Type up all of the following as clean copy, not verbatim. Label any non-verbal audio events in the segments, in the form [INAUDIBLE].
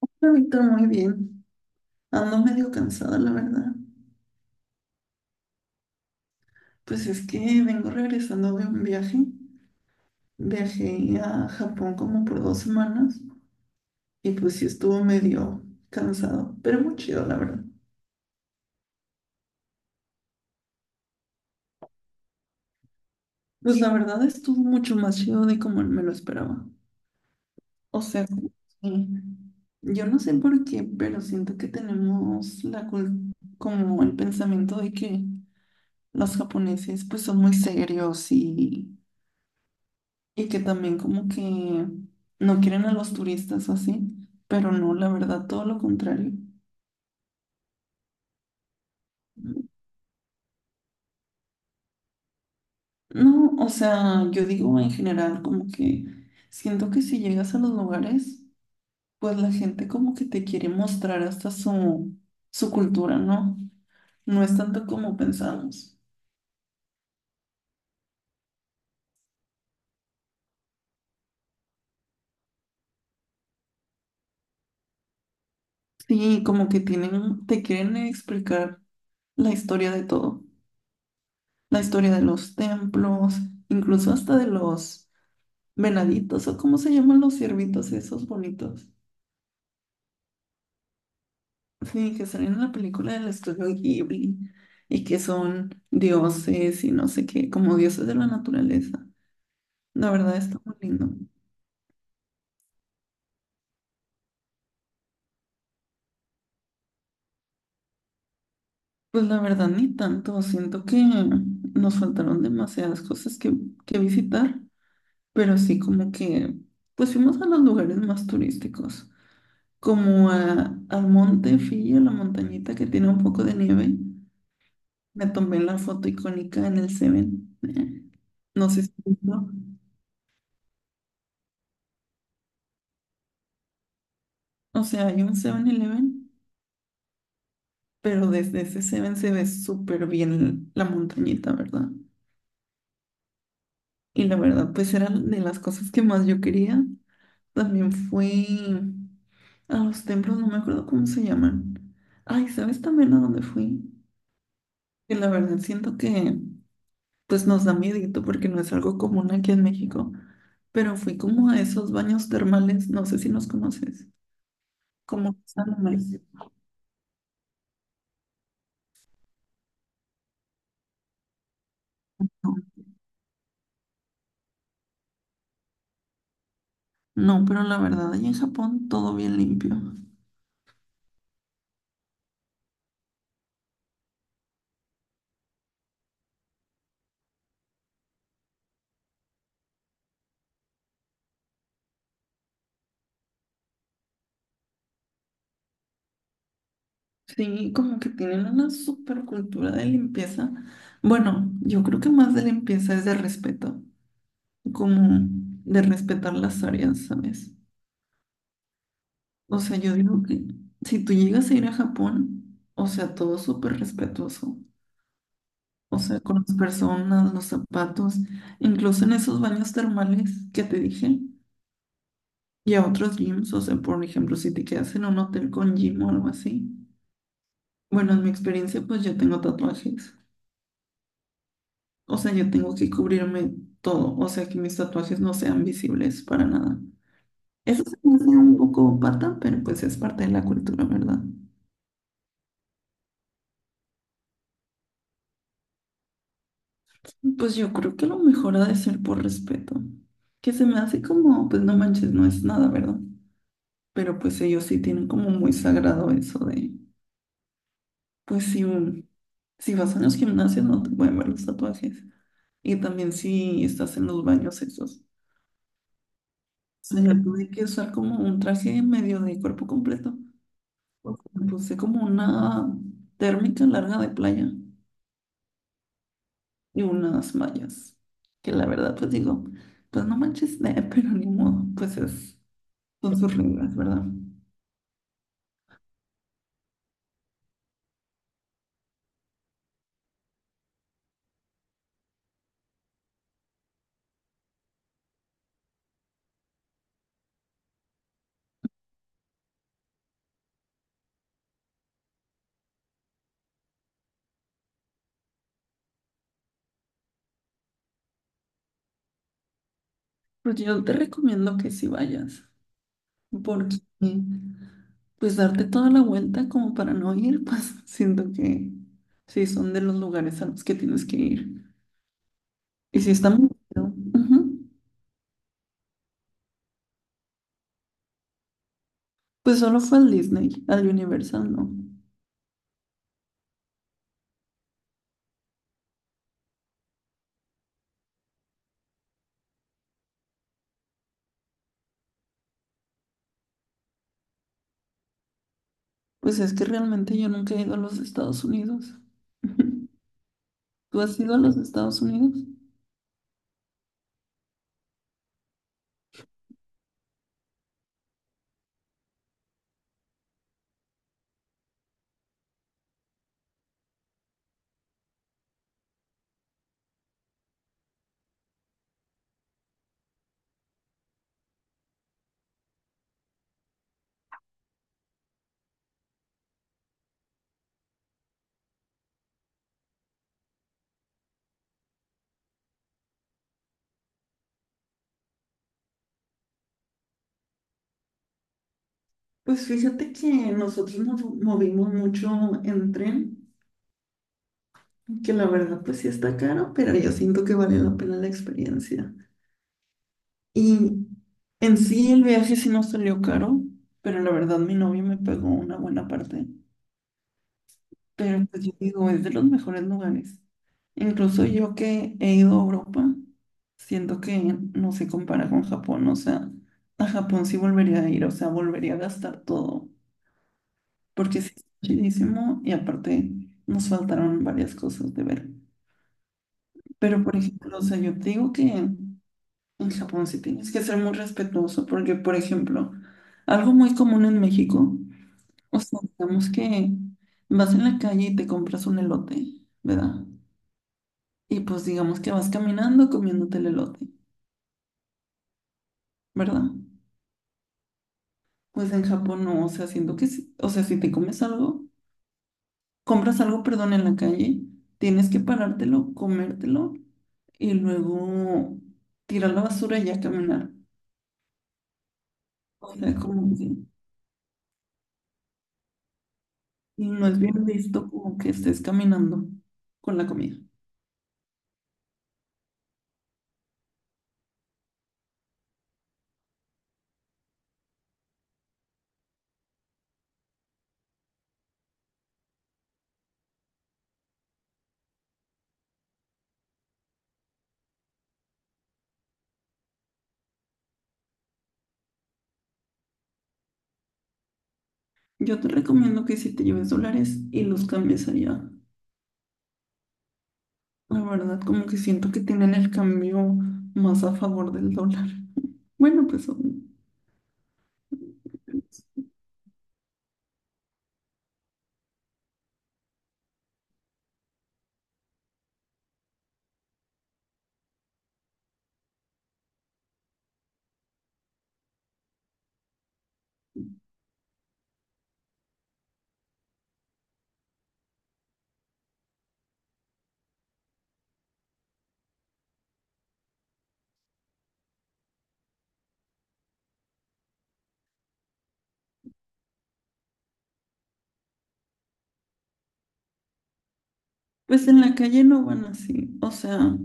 Hola, Víctor, muy bien. Ando medio cansada, la verdad. Pues es que vengo regresando de un viaje. Viajé a Japón como por 2 semanas y pues sí estuvo medio cansado, pero muy chido, la verdad. Pues la verdad estuvo mucho más chido de como me lo esperaba. O sea, como yo no sé por qué, pero siento que tenemos la como el pensamiento de que los japoneses pues son muy serios y que también como que no quieren a los turistas o así, pero no, la verdad, todo lo contrario. No, o sea, yo digo en general como que siento que si llegas a los lugares, pues la gente como que te quiere mostrar hasta su cultura, ¿no? No es tanto como pensamos. Sí, como que tienen, te quieren explicar la historia de todo, la historia de los templos, incluso hasta de los venaditos o cómo se llaman los ciervitos esos bonitos. Sí, que salen en la película del estudio Ghibli y que son dioses y no sé qué, como dioses de la naturaleza. La verdad está muy lindo. Pues la verdad ni tanto, siento que nos faltaron demasiadas cosas que visitar, pero sí como que pues fuimos a los lugares más turísticos, como al monte Fillo, la montañita que tiene un poco de nieve. Me tomé la foto icónica en el Seven. No sé si visto. O sea, hay un Seven eleven, pero desde ese Seven se ve súper bien la montañita, ¿verdad? Y la verdad, pues era de las cosas que más yo quería. También fui a los templos, no me acuerdo cómo se llaman. Ay, ¿sabes también a dónde fui? Que la verdad siento que pues nos da miedito porque no es algo común aquí en México. Pero fui como a esos baños termales, no sé si los conoces. Como que está en México. No, pero la verdad, allá en Japón todo bien limpio. Sí, como que tienen una super cultura de limpieza. Bueno, yo creo que más de limpieza es de respeto, como de respetar las áreas, ¿sabes? O sea, yo digo que si tú llegas a ir a Japón, o sea, todo súper respetuoso, o sea, con las personas, los zapatos, incluso en esos baños termales que te dije. Y a otros gyms, o sea, por ejemplo, si te quedas en un hotel con gym o algo así. Bueno, en mi experiencia, pues yo tengo tatuajes. O sea, yo tengo que cubrirme todo. O sea, que mis tatuajes no sean visibles para nada. Eso se me hace un poco pata, pero pues es parte de la cultura, ¿verdad? Pues yo creo que lo mejor ha de ser por respeto. Que se me hace como, pues no manches, no es nada, ¿verdad? Pero pues ellos sí tienen como muy sagrado eso de. Pues si, si vas a los gimnasios no te pueden ver los tatuajes. Y también si estás en los baños esos. O sea, yo tuve que usar como un traje medio de cuerpo completo, porque me puse como una térmica larga de playa y unas mallas. Que la verdad, pues digo, pues no manches, [LAUGHS] pero ni modo, pues son sus reglas, ¿verdad? Pues yo te recomiendo que si vayas, porque pues darte toda la vuelta como para no ir, pues [LAUGHS] siento que sí son de los lugares a los que tienes que ir. Y si está muy chido, ujú. Pues solo fue al Disney, al Universal, ¿no? Pues es que realmente yo nunca he ido a los Estados Unidos. [LAUGHS] ¿Tú has ido a los Estados Unidos? Pues fíjate que nosotros nos movimos mucho en tren, que la verdad pues sí está caro, pero yo siento que vale la pena la experiencia. Y en sí el viaje sí nos salió caro, pero la verdad mi novio me pagó una buena parte. Pero pues yo digo, es de los mejores lugares. Incluso yo que he ido a Europa, siento que no se compara con Japón. O sea, a Japón sí volvería a ir, o sea, volvería a gastar todo, porque sí es chidísimo y aparte nos faltaron varias cosas de ver. Pero por ejemplo, o sea, yo te digo que en Japón sí tienes que ser muy respetuoso porque, por ejemplo, algo muy común en México, o sea, digamos que vas en la calle y te compras un elote, ¿verdad? Y pues digamos que vas caminando comiéndote el elote, ¿verdad? Pues en Japón no, o sea, siento que, o sea, si te comes algo, compras algo, perdón, en la calle, tienes que parártelo, comértelo y luego tirar la basura y ya caminar. O sea, como que. Y no es bien visto como que estés caminando con la comida. Yo te recomiendo que si te lleves dólares y los cambies allá. La verdad, como que siento que tienen el cambio más a favor del dólar. [LAUGHS] Bueno, pues, pues en la calle no van así. O sea,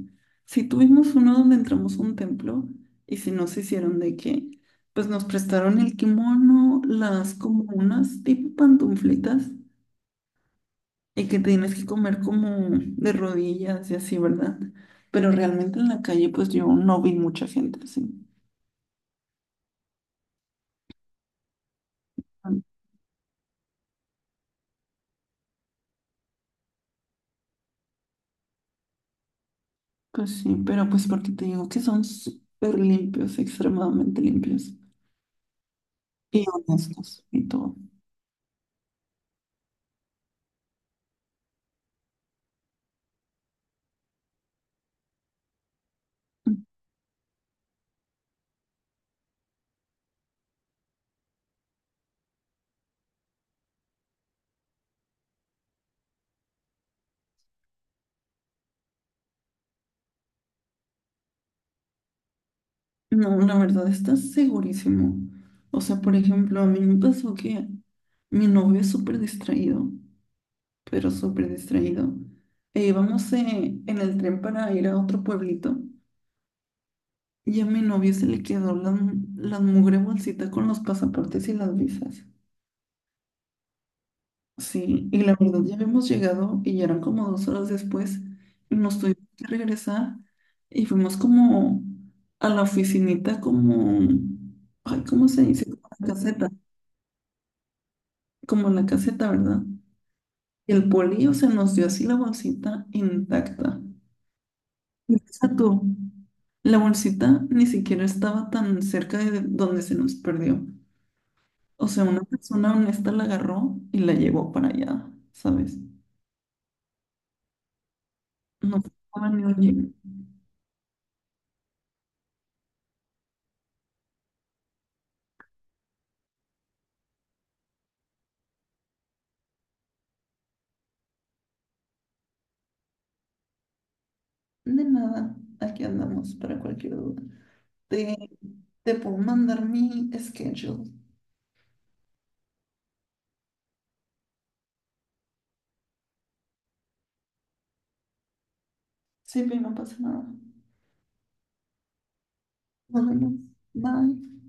si tuvimos uno donde entramos a un templo y si nos hicieron de qué, pues nos prestaron el kimono, las como unas tipo pantuflitas y que tienes que comer como de rodillas y así, ¿verdad? Pero realmente en la calle, pues yo no vi mucha gente así. Ah, pues sí, pero pues porque te digo que son súper limpios, extremadamente limpios y honestos y todo. No, la verdad, estás segurísimo. O sea, por ejemplo, a mí me pasó que mi novio es súper distraído, pero súper distraído. E íbamos en el tren para ir a otro pueblito. Y a mi novio se le quedó la mugre bolsita con los pasaportes y las visas. Sí, y la verdad ya habíamos llegado y ya eran como 2 horas después y nos tuvimos que regresar y fuimos como a la oficinita como, ay, ¿cómo se dice? Como la caseta, ¿verdad? Y el polillo se nos dio así la bolsita intacta. Y deja tú, la bolsita ni siquiera estaba tan cerca de donde se nos perdió. O sea, una persona honesta la agarró y la llevó para allá, ¿sabes? No pasaba ni un yen. De nada, aquí andamos para cualquier duda. Te, te puedo mandar mi schedule. Sí, pero no pasa nada. Nos vemos. Bye.